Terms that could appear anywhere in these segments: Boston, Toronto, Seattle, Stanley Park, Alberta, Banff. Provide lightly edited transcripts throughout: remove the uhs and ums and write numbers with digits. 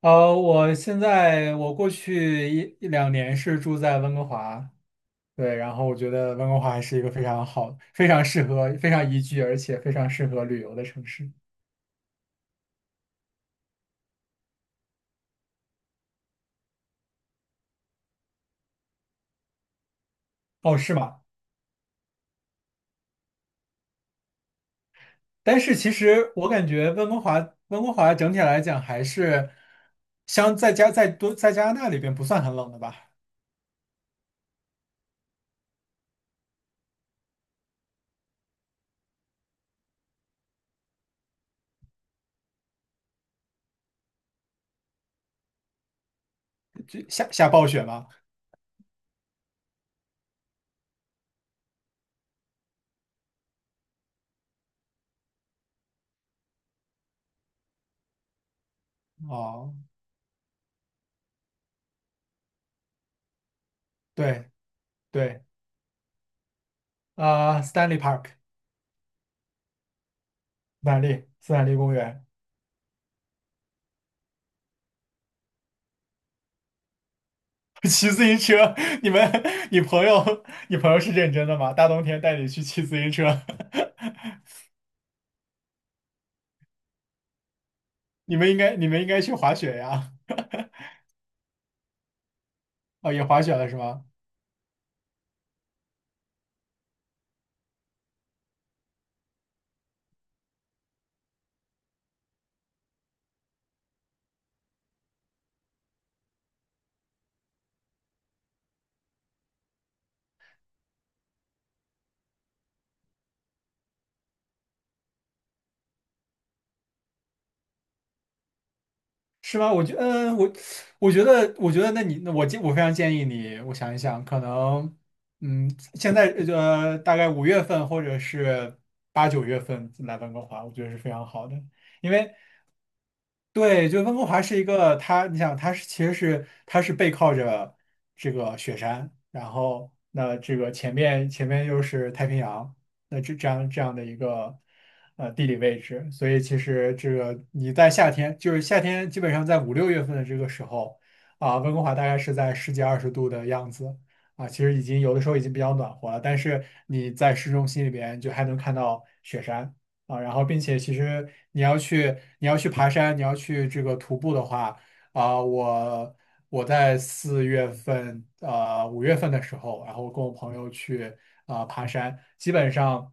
呃，我现在我过去一两年是住在温哥华，对，然后我觉得温哥华还是一个非常好、非常适合、非常宜居，而且非常适合旅游的城市。哦，是吗？但是其实我感觉温哥华整体来讲还是相在加在多在加拿大里边不算很冷的吧？就下暴雪吗？哦，对对，Stanley Park,斯坦利公园。骑自行车，你们，你朋友是认真的吗？大冬天带你去骑自行车。你们应该去滑雪呀？哦，也滑雪了是吗？是吗？嗯，我觉得,那你，那我建，我非常建议你，我想一想，可能，嗯，现在大概五月份或者是8、9月份来温哥华，我觉得是非常好的。因为，对，就温哥华是一个，它，你想，其实它是背靠着这个雪山，然后那这个前面又是太平洋，那这样的一个地理位置，所以其实这个你在夏天，就是夏天基本上在5、6月份的这个时候啊，温哥华大概是在十几二十度的样子啊，其实已经有的时候已经比较暖和了，但是你在市中心里边就还能看到雪山啊。然后并且其实你要去爬山，你要去这个徒步的话啊，我。我在四月份，呃，五月份的时候，然后跟我朋友去爬山，基本上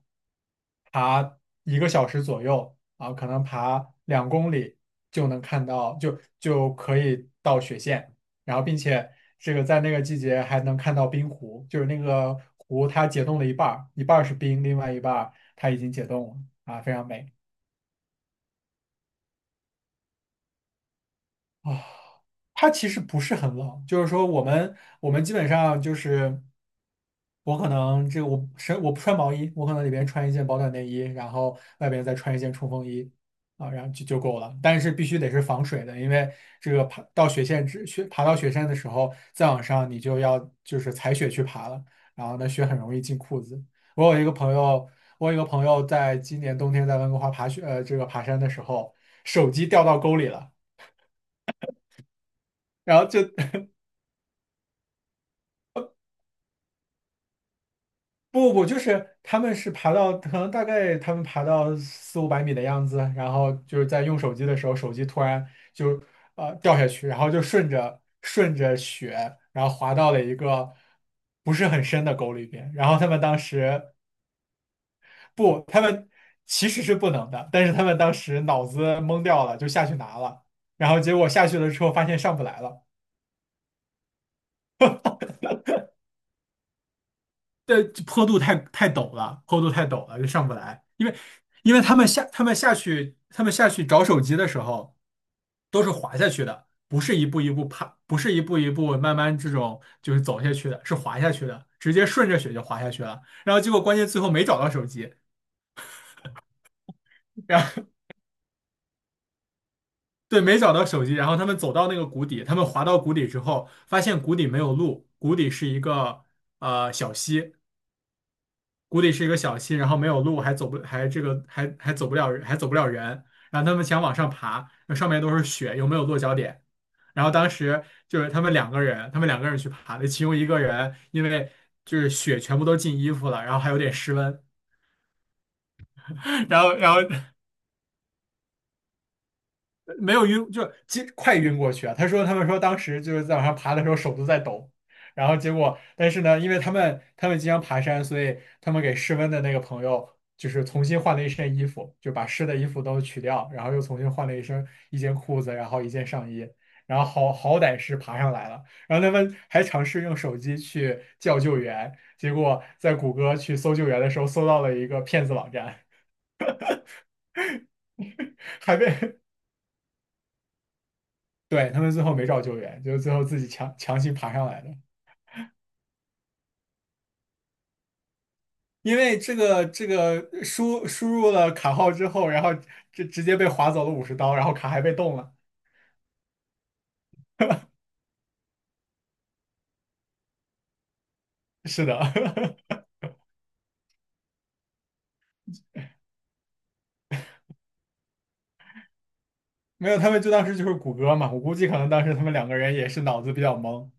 爬1个小时左右可能爬2公里就能看到，就可以到雪线，然后并且这个在那个季节还能看到冰湖，就是那个湖它解冻了一半儿，一半儿是冰，另外一半儿它已经解冻了非常美。啊，它其实不是很冷，就是说我们基本上就是我可能这个我不穿毛衣，我可能里边穿一件保暖内衣，然后外边再穿一件冲锋衣啊，然后就够了。但是必须得是防水的，因为这个爬到雪山的时候，再往上你就要就是踩雪去爬了，然后呢雪很容易进裤子。我有一个朋友，我有一个朋友在今年冬天在温哥华爬雪呃这个爬山的时候，手机掉到沟里了。然后不，不，就是他们是爬到，可能大概他们爬到4、500米的样子，然后就是在用手机的时候，手机突然就掉下去，然后就顺着雪，然后滑到了一个不是很深的沟里边。然后他们其实是不能的，但是他们当时脑子懵掉了，就下去拿了，然后结果下去了之后发现上不来了。这坡度太陡了，坡度太陡了，就上不来。因为他们下去找手机的时候，都是滑下去的，不是一步一步爬，不是一步一步慢慢这种就是走下去的，是滑下去的，直接顺着雪就滑下去了。然后结果关键最后没找到手机，然后 对，没找到手机，然后他们走到那个谷底，他们滑到谷底之后，发现谷底没有路，谷底是一个呃小溪，小溪,然后没有路，还走不还这个还还走不了还走不了人，然后他们想往上爬，那上面都是雪，又没有落脚点。然后当时就是他们两个人去爬的，其中一个人因为就是雪全部都进衣服了，然后还有点失温，然后没有晕，就快晕过去啊！他们说当时就是在往上爬的时候手都在抖，然后结果，但是呢，因为他们经常爬山，所以他们给失温的那个朋友就是重新换了一身衣服，就把湿的衣服都取掉，然后又重新换了一身一件裤子，然后一件上衣，然后好歹是爬上来了。然后他们还尝试用手机去叫救援，结果在谷歌去搜救援的时候搜到了一个骗子网站，还被 对，他们最后没找救援，就是最后自己强行爬上来的。因为这个输入了卡号之后，然后直接被划走了50刀，然后卡还被冻了。是的，没有，他们就当时就是谷歌嘛，我估计可能当时他们两个人也是脑子比较懵，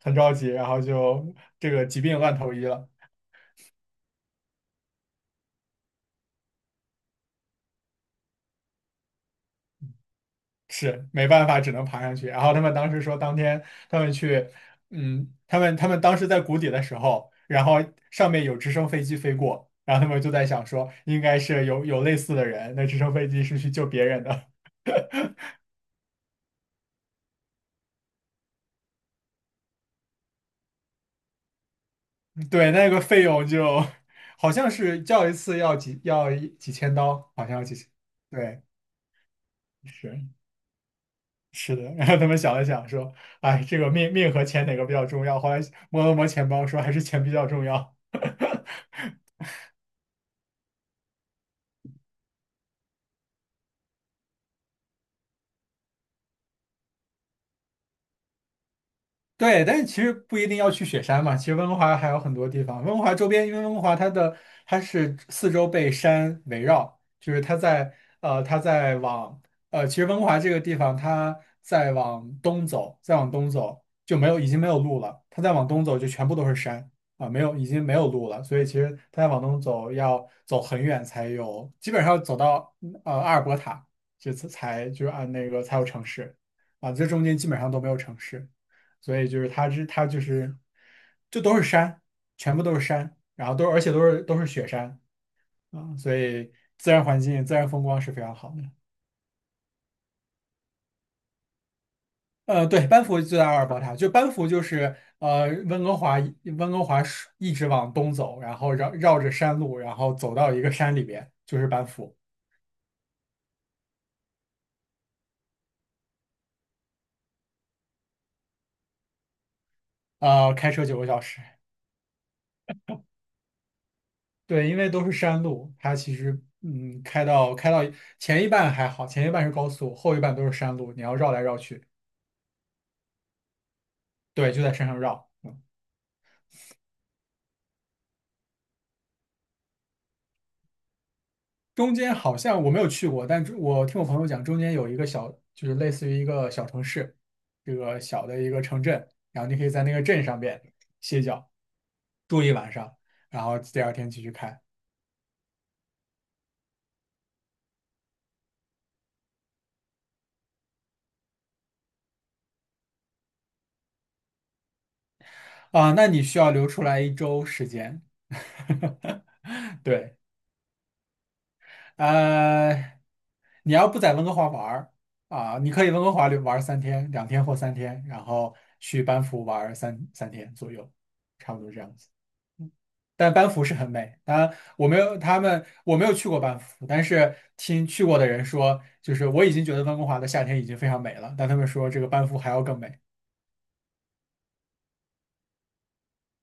很着急，然后就这个疾病乱投医了。是没办法，只能爬上去。然后他们当时说，当天他们去，嗯，他们他们当时在谷底的时候，然后上面有直升飞机飞过，然后他们就在想说，应该是有类似的人，那直升飞机是去救别人的。对，那个费用就好像是叫一次要几要一几千刀，好像要几千，对，是是的。然后他们想了想说，哎，这个命和钱哪个比较重要？后来摸了摸钱包说，还是钱比较重要。对，但是其实不一定要去雪山嘛。其实温哥华还有很多地方，温哥华周边，因为温哥华它是四周被山围绕，就是它在呃它在往呃，其实温哥华这个地方它在往东走，再往东走就没有已经没有路了，它再往东走就全部都是山啊，没有已经没有路了，所以其实它再往东走要走很远才有，基本上要走到阿尔伯塔，这次才就是按那个才有城市啊，这中间基本上都没有城市。所以就是它这它就是就都是山，全部都是山，然后都而且都是都是雪山啊，所以自然环境、自然风光是非常好的。对，班夫就在阿尔伯塔，就班夫就是呃温哥华温哥华是一直往东走，然后绕着山路，然后走到一个山里边，就是班夫。开车9个小时。对，因为都是山路，它其实开到前一半还好，前一半是高速，后一半都是山路，你要绕来绕去。对，就在山上绕。中间好像我没有去过，但是我听我朋友讲，中间有一个就是类似于一个小城市，这个小的一个城镇，然后你可以在那个镇上边歇脚，住一晚上，然后第二天继续开啊。那你需要留出来1周时间。对，呃，你要不在温哥华玩儿啊，你可以温哥华玩儿三天，2天或三天，然后去班夫玩儿三天左右，差不多这样子。但班夫是很美。当然我没有去过班夫，但是听去过的人说，就是我已经觉得温哥华的夏天已经非常美了，但他们说这个班夫还要更美。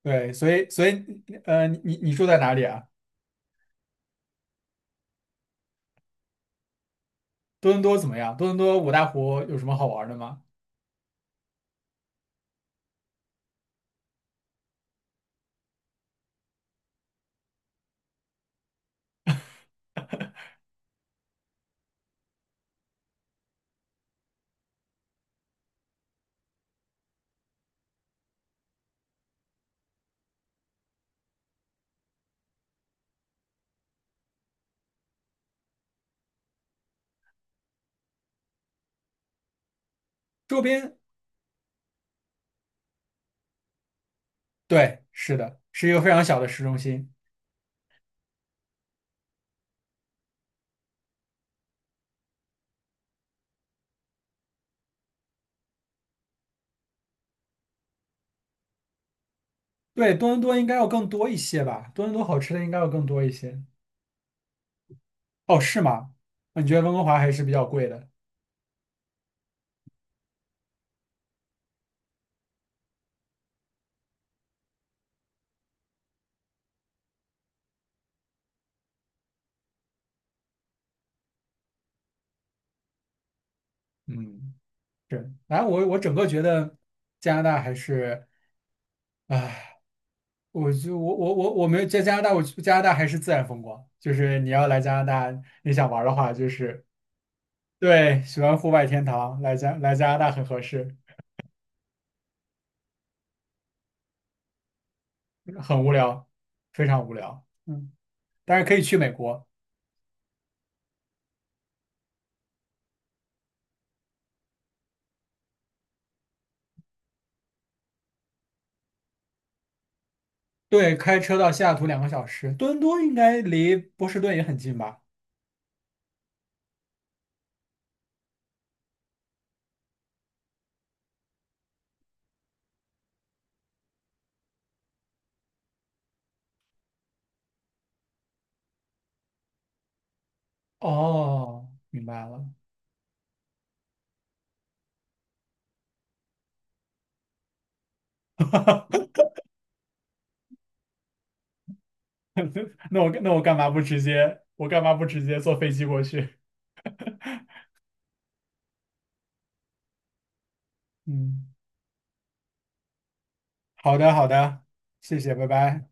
对，所以你住在哪里啊？多伦多怎么样？多伦多五大湖有什么好玩的吗？周边，对，是的，是一个非常小的市中心。对，多伦多应该要更多一些吧？多伦多好吃的应该要更多一些。哦，是吗？那你觉得温哥华还是比较贵的？嗯。是，哎，我整个觉得加拿大还是，哎，我就我我我我没有在加拿大，我加拿大还是自然风光，就是你要来加拿大，你想玩儿的话，就是对，喜欢户外天堂，来加拿大很合适，很无聊，非常无聊，嗯，但是可以去美国，对，开车到西雅图2个小时，多伦多应该离波士顿也很近吧？哦，明白了。那我干嘛不直接坐飞机过去？嗯。好的，好的，谢谢，拜拜。